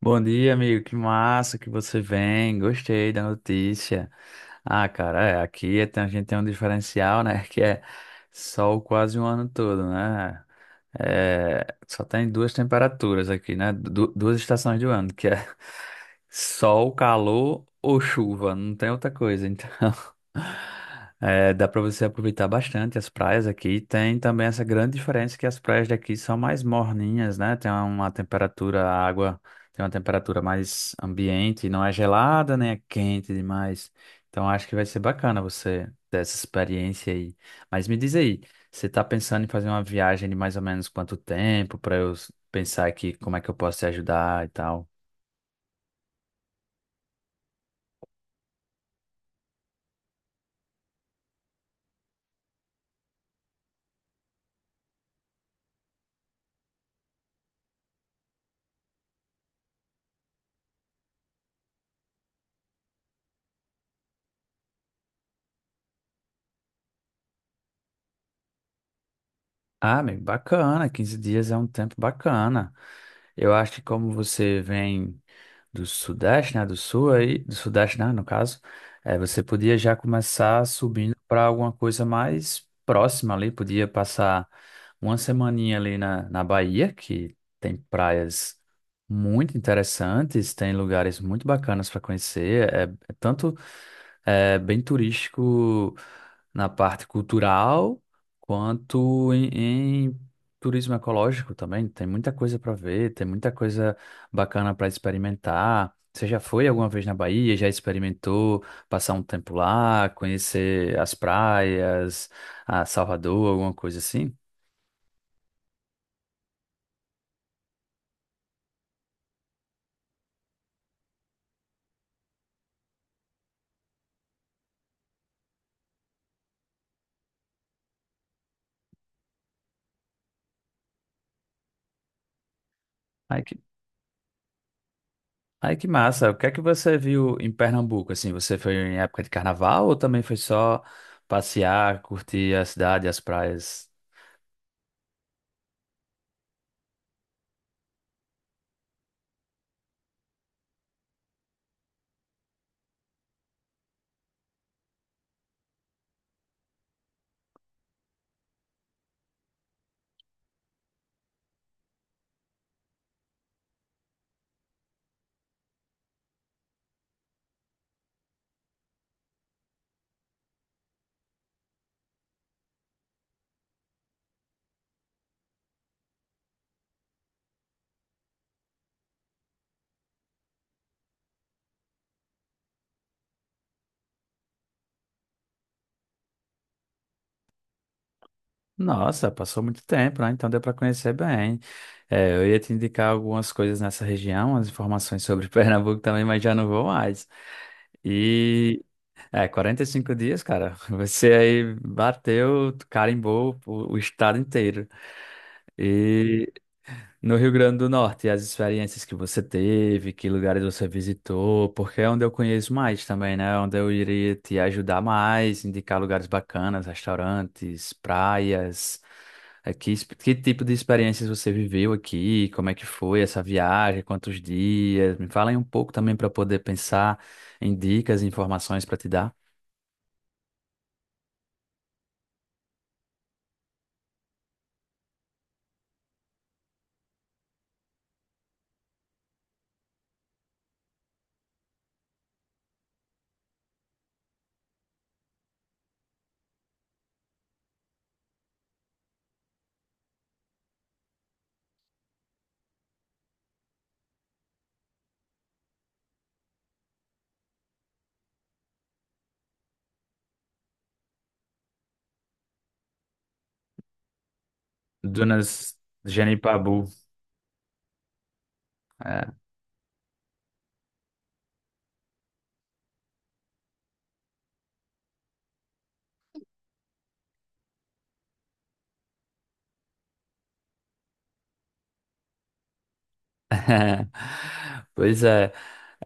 Bom dia, amigo. Que massa que você vem. Gostei da notícia. Ah, cara, é, aqui a gente tem um diferencial, né? Que é sol quase um ano todo, né? É, só tem duas temperaturas aqui, né? Duas estações do ano, que é sol, calor ou chuva. Não tem outra coisa, então. é, dá para você aproveitar bastante as praias aqui. Tem também essa grande diferença que as praias daqui são mais morninhas, né? Tem uma temperatura, a água. Tem uma temperatura mais ambiente, não é gelada, nem é quente demais. Então acho que vai ser bacana você ter essa experiência aí. Mas me diz aí, você tá pensando em fazer uma viagem de mais ou menos quanto tempo para eu pensar aqui como é que eu posso te ajudar e tal? Ah, amigo, bacana, 15 dias é um tempo bacana. Eu acho que como você vem do Sudeste, né, do Sul aí, do Sudeste, né, no caso, é, você podia já começar subindo para alguma coisa mais próxima ali, podia passar uma semaninha ali na Bahia, que tem praias muito interessantes, tem lugares muito bacanas para conhecer, é, é tanto bem turístico na parte cultural, quanto em turismo ecológico também, tem muita coisa para ver, tem muita coisa bacana para experimentar. Você já foi alguma vez na Bahia? Já experimentou passar um tempo lá, conhecer as praias, a Salvador, alguma coisa assim? Ai que, ai que massa! O que é que você viu em Pernambuco? Assim, você foi em época de carnaval ou também foi só passear, curtir a cidade, as praias? Nossa, passou muito tempo, né? Então deu para conhecer bem. É, eu ia te indicar algumas coisas nessa região, as informações sobre Pernambuco também, mas já não vou mais. E é 45 dias, cara. Você aí bateu, carimbou o estado inteiro. E no Rio Grande do Norte, as experiências que você teve, que lugares você visitou, porque é onde eu conheço mais também, né? é onde eu iria te ajudar mais, indicar lugares bacanas, restaurantes, praias. É, que, que tipo de experiências você viveu aqui? Como é que foi essa viagem? Quantos dias? Me fala aí um pouco também para poder pensar em dicas e informações para te dar. Dunas Genipabu. Pois é,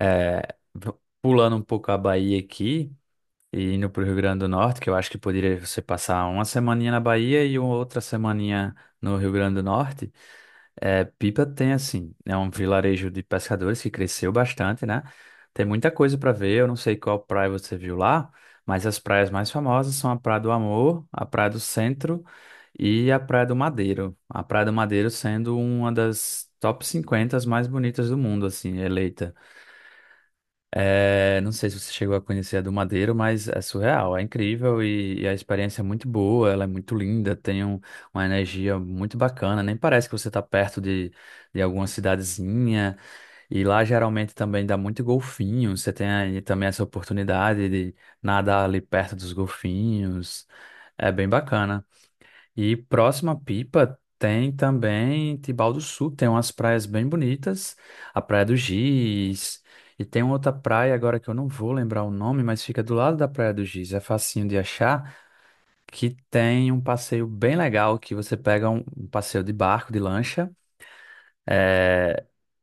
é, pulando um pouco a Bahia aqui e indo para o Rio Grande do Norte, que eu acho que poderia você passar uma semaninha na Bahia e outra semaninha no Rio Grande do Norte. É, Pipa tem assim, é um vilarejo de pescadores que cresceu bastante, né? Tem muita coisa para ver, eu não sei qual praia você viu lá, mas as praias mais famosas são a Praia do Amor, a Praia do Centro e a Praia do Madeiro. A Praia do Madeiro sendo uma das top 50 mais bonitas do mundo, assim, eleita. É, não sei se você chegou a conhecer a do Madeiro, mas é surreal, é incrível e a experiência é muito boa, ela é muito linda, tem uma energia muito bacana, nem parece que você está perto de, alguma cidadezinha, e lá geralmente também dá muito golfinho, você tem aí também essa oportunidade de nadar ali perto dos golfinhos, é bem bacana. E próxima Pipa tem também Tibau do Sul, tem umas praias bem bonitas, a Praia do Giz, e tem outra praia agora que eu não vou lembrar o nome, mas fica do lado da Praia do Giz, é facinho de achar, que tem um passeio bem legal, que você pega um, um passeio de barco, de lancha,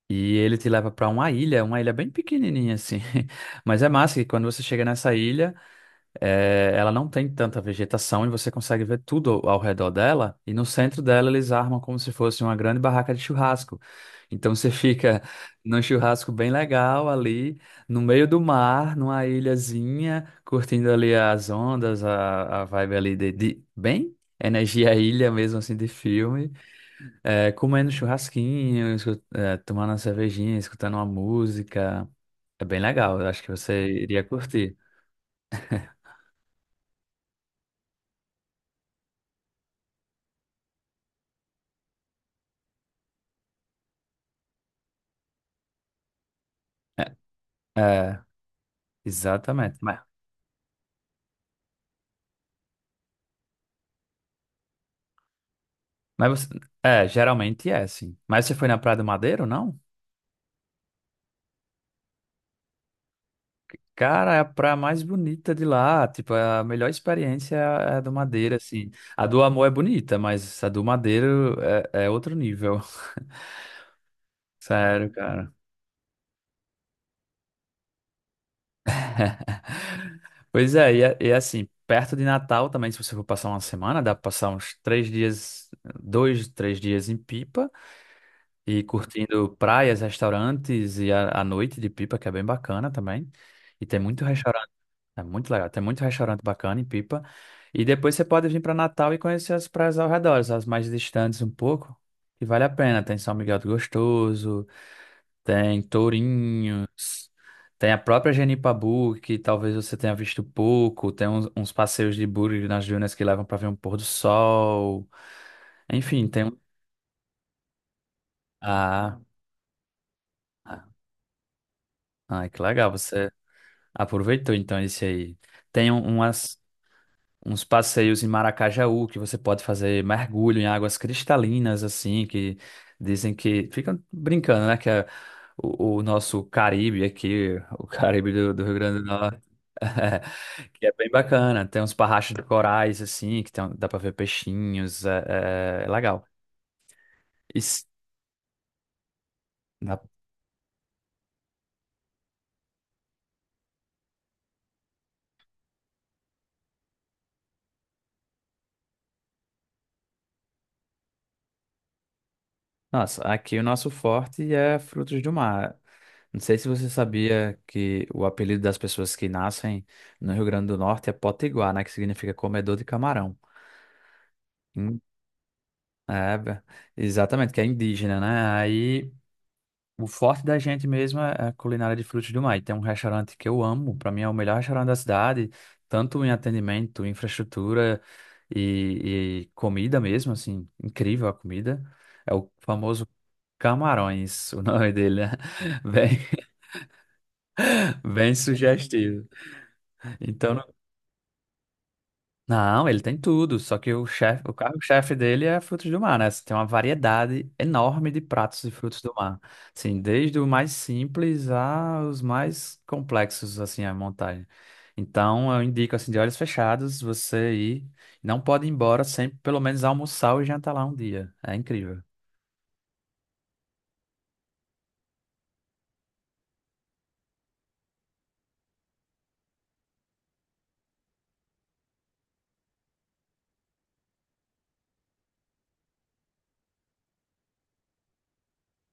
e ele te leva para uma ilha bem pequenininha assim, mas é massa que quando você chega nessa ilha. É, ela não tem tanta vegetação e você consegue ver tudo ao redor dela. E no centro dela eles armam como se fosse uma grande barraca de churrasco. Então você fica num churrasco bem legal ali, no meio do mar, numa ilhazinha, curtindo ali as ondas, a vibe ali de, bem energia ilha mesmo assim de filme, é, comendo churrasquinho, tomando uma cervejinha, escutando uma música. É bem legal, eu acho que você iria curtir. É, é. Exatamente. Mas, você, geralmente é assim. Mas você foi na Praia do Madeiro, não? Cara, é a praia mais bonita de lá. Tipo, é a melhor experiência é a do Madeiro, assim. A do Amor é bonita, mas a do Madeiro é outro nível. Sério, cara. Pois é, e, e é assim, perto de Natal também, se você for passar uma semana, dá pra passar uns 3 dias, dois, 3 dias em Pipa e curtindo praias, restaurantes e a noite de Pipa, que é bem bacana também. E tem muito restaurante. É muito legal. Tem muito restaurante bacana em Pipa. E depois você pode vir para Natal e conhecer as praias ao redor, as mais distantes um pouco, que vale a pena. Tem São Miguel do Gostoso, tem Tourinhos, tem a própria Genipabu, que talvez você tenha visto pouco. Tem uns passeios de buggy nas dunas que levam para ver um pôr do sol. Enfim, tem um. Ah, ah, ah, que legal. Você aproveitou então esse aí. Tem um- umas. Uns passeios em Maracajaú, que você pode fazer mergulho em águas cristalinas, assim, que dizem que. Ficam brincando, né? Que é o, nosso Caribe aqui, o Caribe do, Rio Grande do Norte. que é bem bacana. Tem uns parrachos de corais, assim, que tem, um, dá pra ver peixinhos. É, é legal. E s- na- nossa, aqui o nosso forte é frutos do mar. Não sei se você sabia que o apelido das pessoas que nascem no Rio Grande do Norte é Potiguar, né? Que significa comedor de camarão. Hum. É, exatamente, que é indígena, né? Aí o forte da gente mesmo é a culinária de frutos do mar. E tem um restaurante que eu amo, para mim é o melhor restaurante da cidade, tanto em atendimento, infraestrutura e comida mesmo, assim, incrível a comida. É o famoso Camarões, o nome dele, né? Bem, bem sugestivo. Então, não, ele tem tudo, só que o chefe, o carro-chefe dele é frutos do mar, né? Você tem uma variedade enorme de pratos de frutos do mar. Assim, desde o mais simples aos mais complexos, assim, a montagem. Então, eu indico, assim, de olhos fechados, você ir. Não pode ir embora sem, pelo menos, almoçar e jantar lá um dia. É incrível.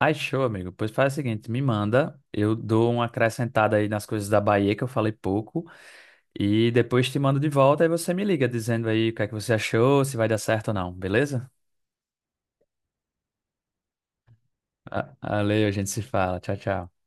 Ai, show, amigo. Pois faz o seguinte, me manda, eu dou uma acrescentada aí nas coisas da Bahia que eu falei pouco. E depois te mando de volta e você me liga dizendo aí o que é que você achou, se vai dar certo ou não, beleza? Valeu, a gente se fala. Tchau, tchau.